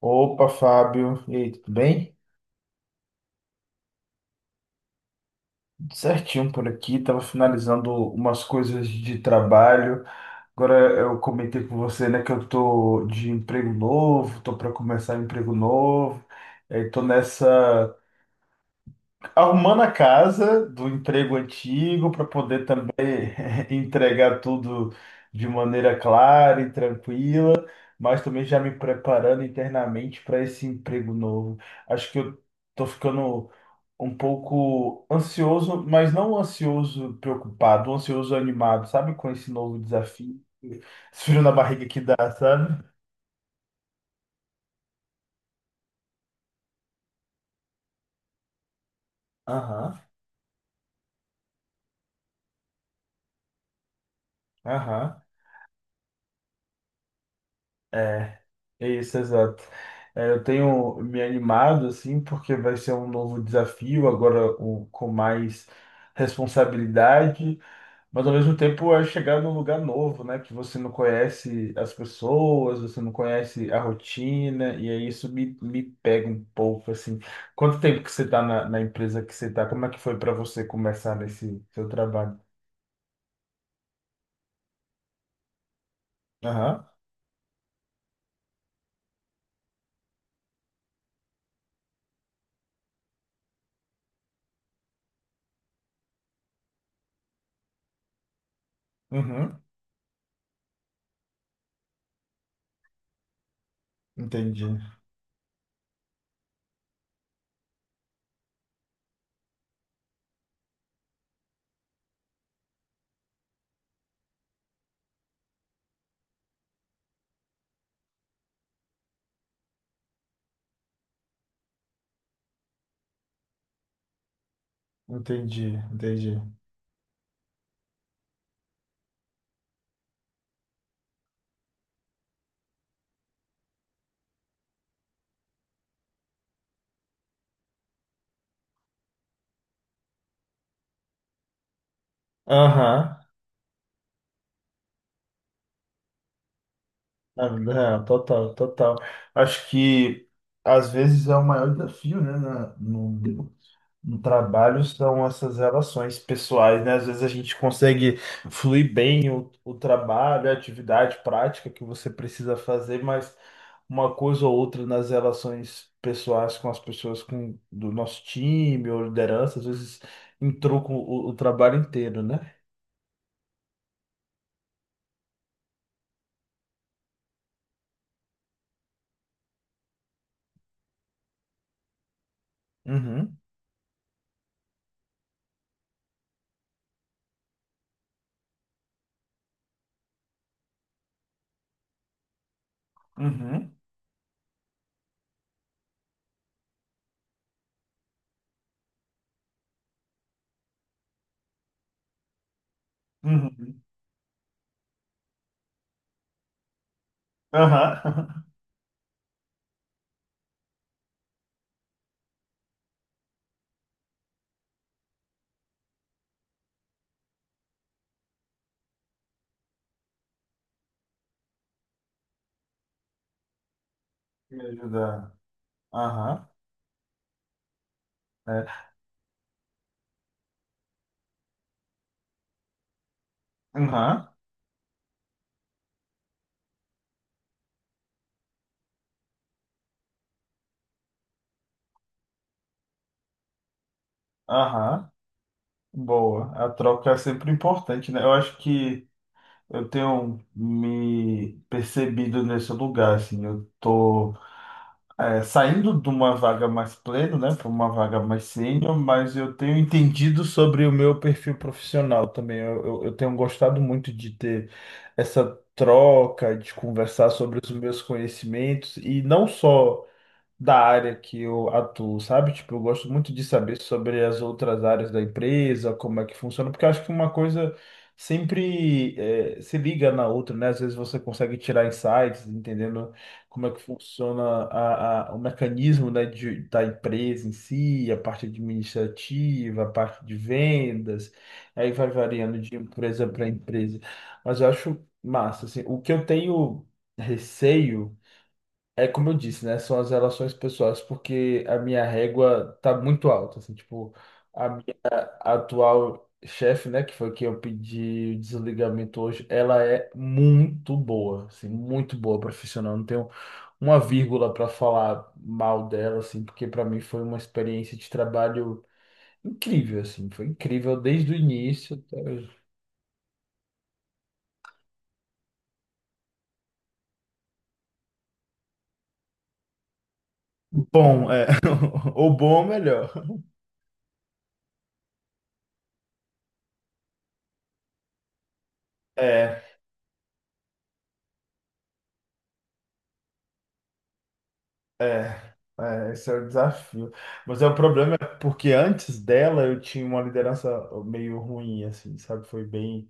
Opa, Fábio. E aí, tudo bem? Tudo certinho por aqui. Estava finalizando umas coisas de trabalho. Agora eu comentei com você, né, que eu tô de emprego novo, tô para começar um emprego novo. Estou nessa arrumando a casa do emprego antigo para poder também entregar tudo de maneira clara e tranquila, mas também já me preparando internamente para esse emprego novo. Acho que eu tô ficando um pouco ansioso, mas não ansioso preocupado, ansioso animado, sabe? Com esse novo desafio, esse frio na barriga que dá, sabe? Aham. Aham. É, é isso, exato. É, eu tenho me animado, assim, porque vai ser um novo desafio, agora com mais responsabilidade, mas ao mesmo tempo é chegar num lugar novo, né? Que você não conhece as pessoas, você não conhece a rotina, e aí isso me pega um pouco, assim. Quanto tempo que você está na empresa que você está? Como é que foi para você começar nesse seu trabalho? Aham, uhum, entendi, entendi, entendi. Aham. Ah, não, total, total. Acho que às vezes é o maior desafio, né, no trabalho são essas relações pessoais, né? Às vezes a gente consegue fluir bem o trabalho, a atividade prática que você precisa fazer, mas uma coisa ou outra nas relações pessoais com as pessoas com, do nosso time ou liderança, às vezes entruca o trabalho inteiro, né? Uhum, uhum, uhum. Aham. Me ajudar. Aham. É. Aham, aham, boa. A troca é sempre importante, né? Eu acho que eu tenho me percebido nesse lugar, assim. Eu tô saindo de uma vaga mais pleno, né, para uma vaga mais sênior, mas eu tenho entendido sobre o meu perfil profissional também. Eu tenho gostado muito de ter essa troca, de conversar sobre os meus conhecimentos e não só da área que eu atuo, sabe? Tipo, eu gosto muito de saber sobre as outras áreas da empresa, como é que funciona, porque eu acho que uma coisa sempre se liga na outra, né? Às vezes você consegue tirar insights, entendendo como é que funciona o mecanismo, né, da empresa em si, a parte administrativa, a parte de vendas, aí vai variando de empresa para empresa. Mas eu acho massa, assim, o que eu tenho receio é como eu disse, né? São as relações pessoais, porque a minha régua tá muito alta, assim, tipo, a minha atual chefe, né, que foi quem eu pedi o desligamento hoje, ela é muito boa, assim, muito boa profissional. Não tenho uma vírgula para falar mal dela, assim, porque para mim foi uma experiência de trabalho incrível, assim, foi incrível desde o início até hoje. Bom, é. Ou bom melhor. É. É, é, esse é o desafio. Mas é o problema é porque antes dela eu tinha uma liderança meio ruim, assim, sabe? Foi bem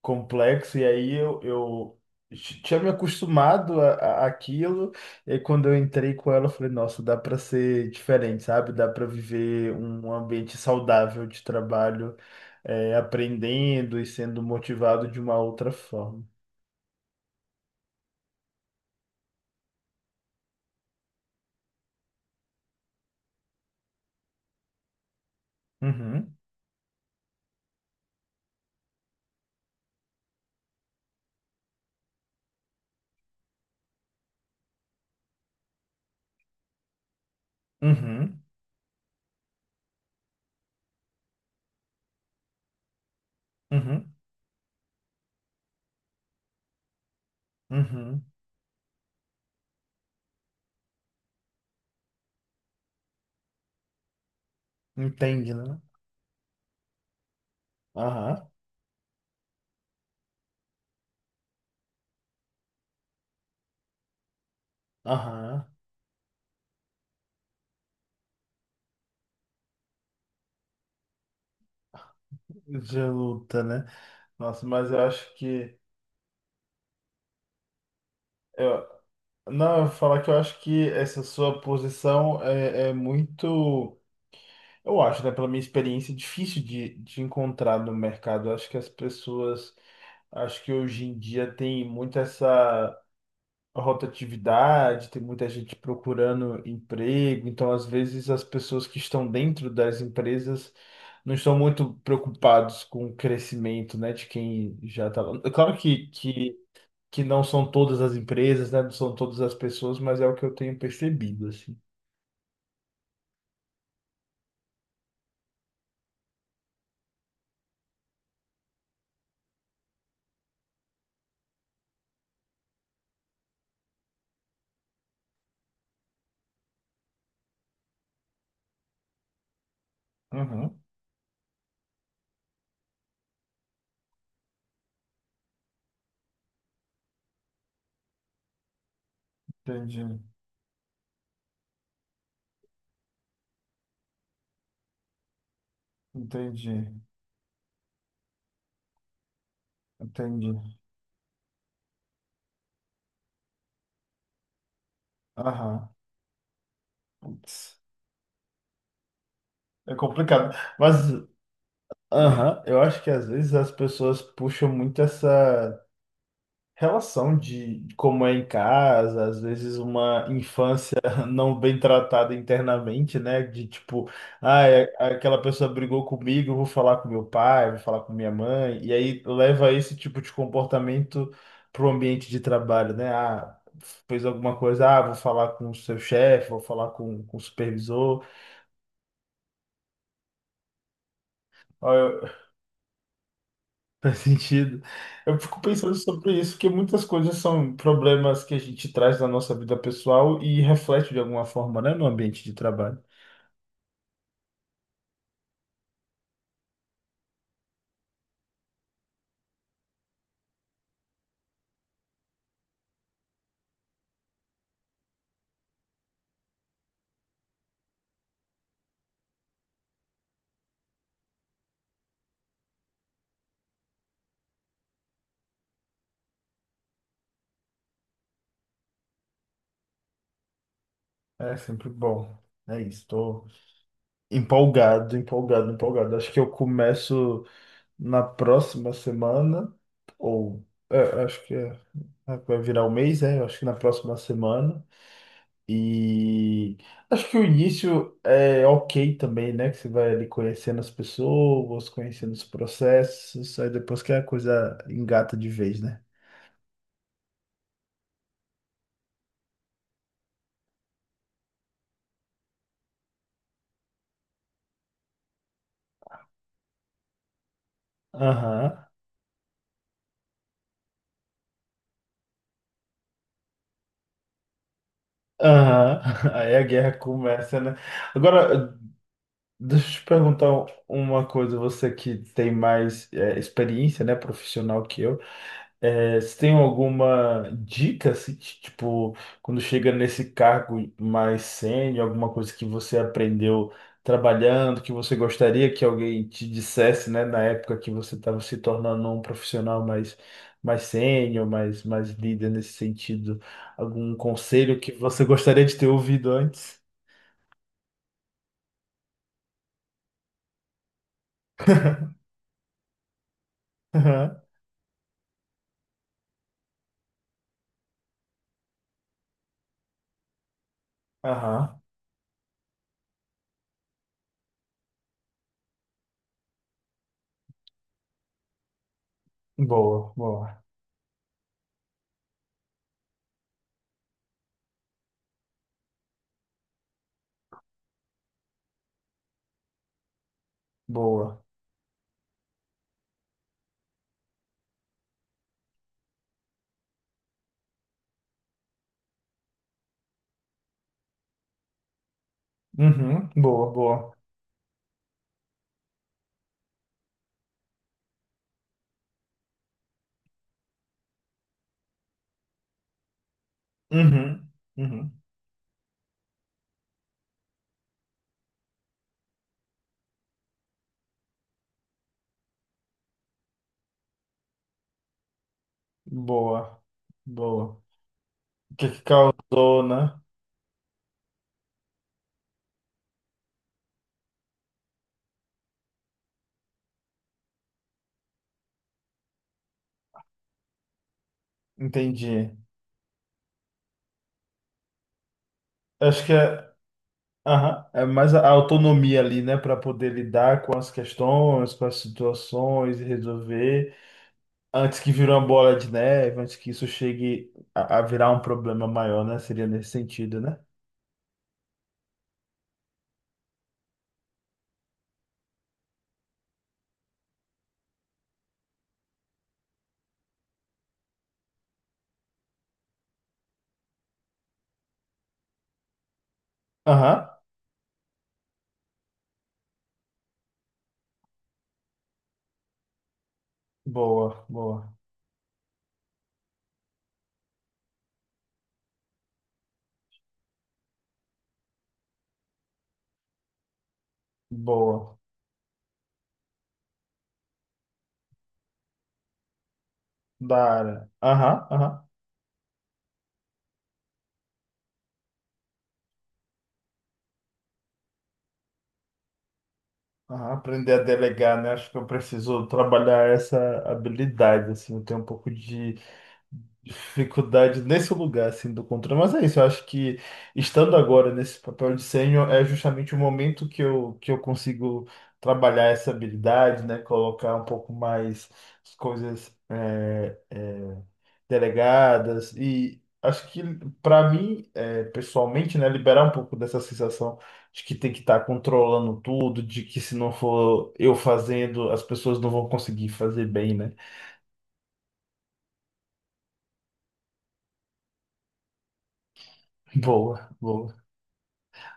complexo, e aí eu tinha me acostumado a, àquilo, e aí quando eu entrei com ela, eu falei, nossa, dá para ser diferente, sabe? Dá para viver um ambiente saudável de trabalho, aprendendo e sendo motivado de uma outra forma. Uhum, uhum, uhum, uhum. Entende, né? Aham. Aham, de luta, né? Nossa, mas eu acho que. Eu, não, eu vou falar que eu acho que essa sua posição é, é muito. Eu acho, né? Pela minha experiência, difícil de encontrar no mercado. Eu acho que as pessoas. Acho que hoje em dia tem muito essa rotatividade, tem muita gente procurando emprego, então às vezes as pessoas que estão dentro das empresas não estão muito preocupados com o crescimento, né, de quem já está lá. É claro que, não são todas as empresas, né, não são todas as pessoas, mas é o que eu tenho percebido, assim. Uhum, entendi, entendi, entendi. Aham, putz, é complicado. Mas, aham, eu acho que às vezes as pessoas puxam muito essa relação de como é em casa, às vezes uma infância não bem tratada internamente, né? De tipo, ah, aquela pessoa brigou comigo, eu vou falar com meu pai, vou falar com minha mãe, e aí leva esse tipo de comportamento para o ambiente de trabalho, né? Ah, fez alguma coisa, ah, vou falar com o seu chefe, vou falar com o supervisor. Faz sentido. Eu fico pensando sobre isso, porque muitas coisas são problemas que a gente traz da nossa vida pessoal e reflete de alguma forma, né, no ambiente de trabalho. É sempre bom. É isso, estou empolgado, empolgado, empolgado. Acho que eu começo na próxima semana, ou acho que vai virar o mês, acho que na próxima semana. E acho que o início é ok também, né? Que você vai ali conhecendo as pessoas, conhecendo os processos, aí depois que a coisa engata de vez, né? Aham, aham. Aí a guerra começa, né? Agora, deixa eu te perguntar uma coisa, você que tem mais experiência, né, profissional que eu. É, você tem alguma dica, assim, tipo, quando chega nesse cargo mais sênior, alguma coisa que você aprendeu trabalhando, que você gostaria que alguém te dissesse, né, na época que você estava se tornando um profissional mais, mais sênior, mais, mais líder nesse sentido? Algum conselho que você gostaria de ter ouvido antes? Aham, aham, boa, boa, uhum, boa, boa, uhum, uhum, boa, boa. O que que causou, né? Entendi. Acho que aham, é mais a autonomia ali, né? Para poder lidar com as questões, com as situações e resolver antes que vire uma bola de neve, antes que isso chegue a, virar um problema maior, né? Seria nesse sentido, né? Aham. Boa, boa, boa. Da área. Aham, aham. Aham. Aprender a delegar, né? Acho que eu preciso trabalhar essa habilidade, assim, eu tenho um pouco de dificuldade nesse lugar assim do controle, mas é isso, eu acho que estando agora nesse papel de sênior é justamente o momento que eu consigo trabalhar essa habilidade, né, colocar um pouco mais as coisas delegadas e acho que para mim é, pessoalmente, né, liberar um pouco dessa sensação de que tem que estar controlando tudo, de que se não for eu fazendo, as pessoas não vão conseguir fazer bem, né? Boa, boa.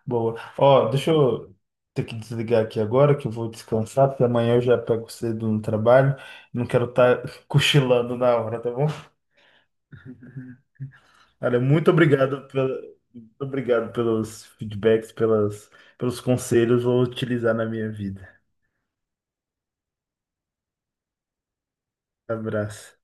Boa. Ó, deixa eu ter que desligar aqui agora, que eu vou descansar, porque amanhã eu já pego cedo no trabalho. Não quero estar cochilando na hora, tá bom? Olha, muito obrigado pelos feedbacks, pelas, pelos conselhos, vou utilizar na minha vida. Abraço.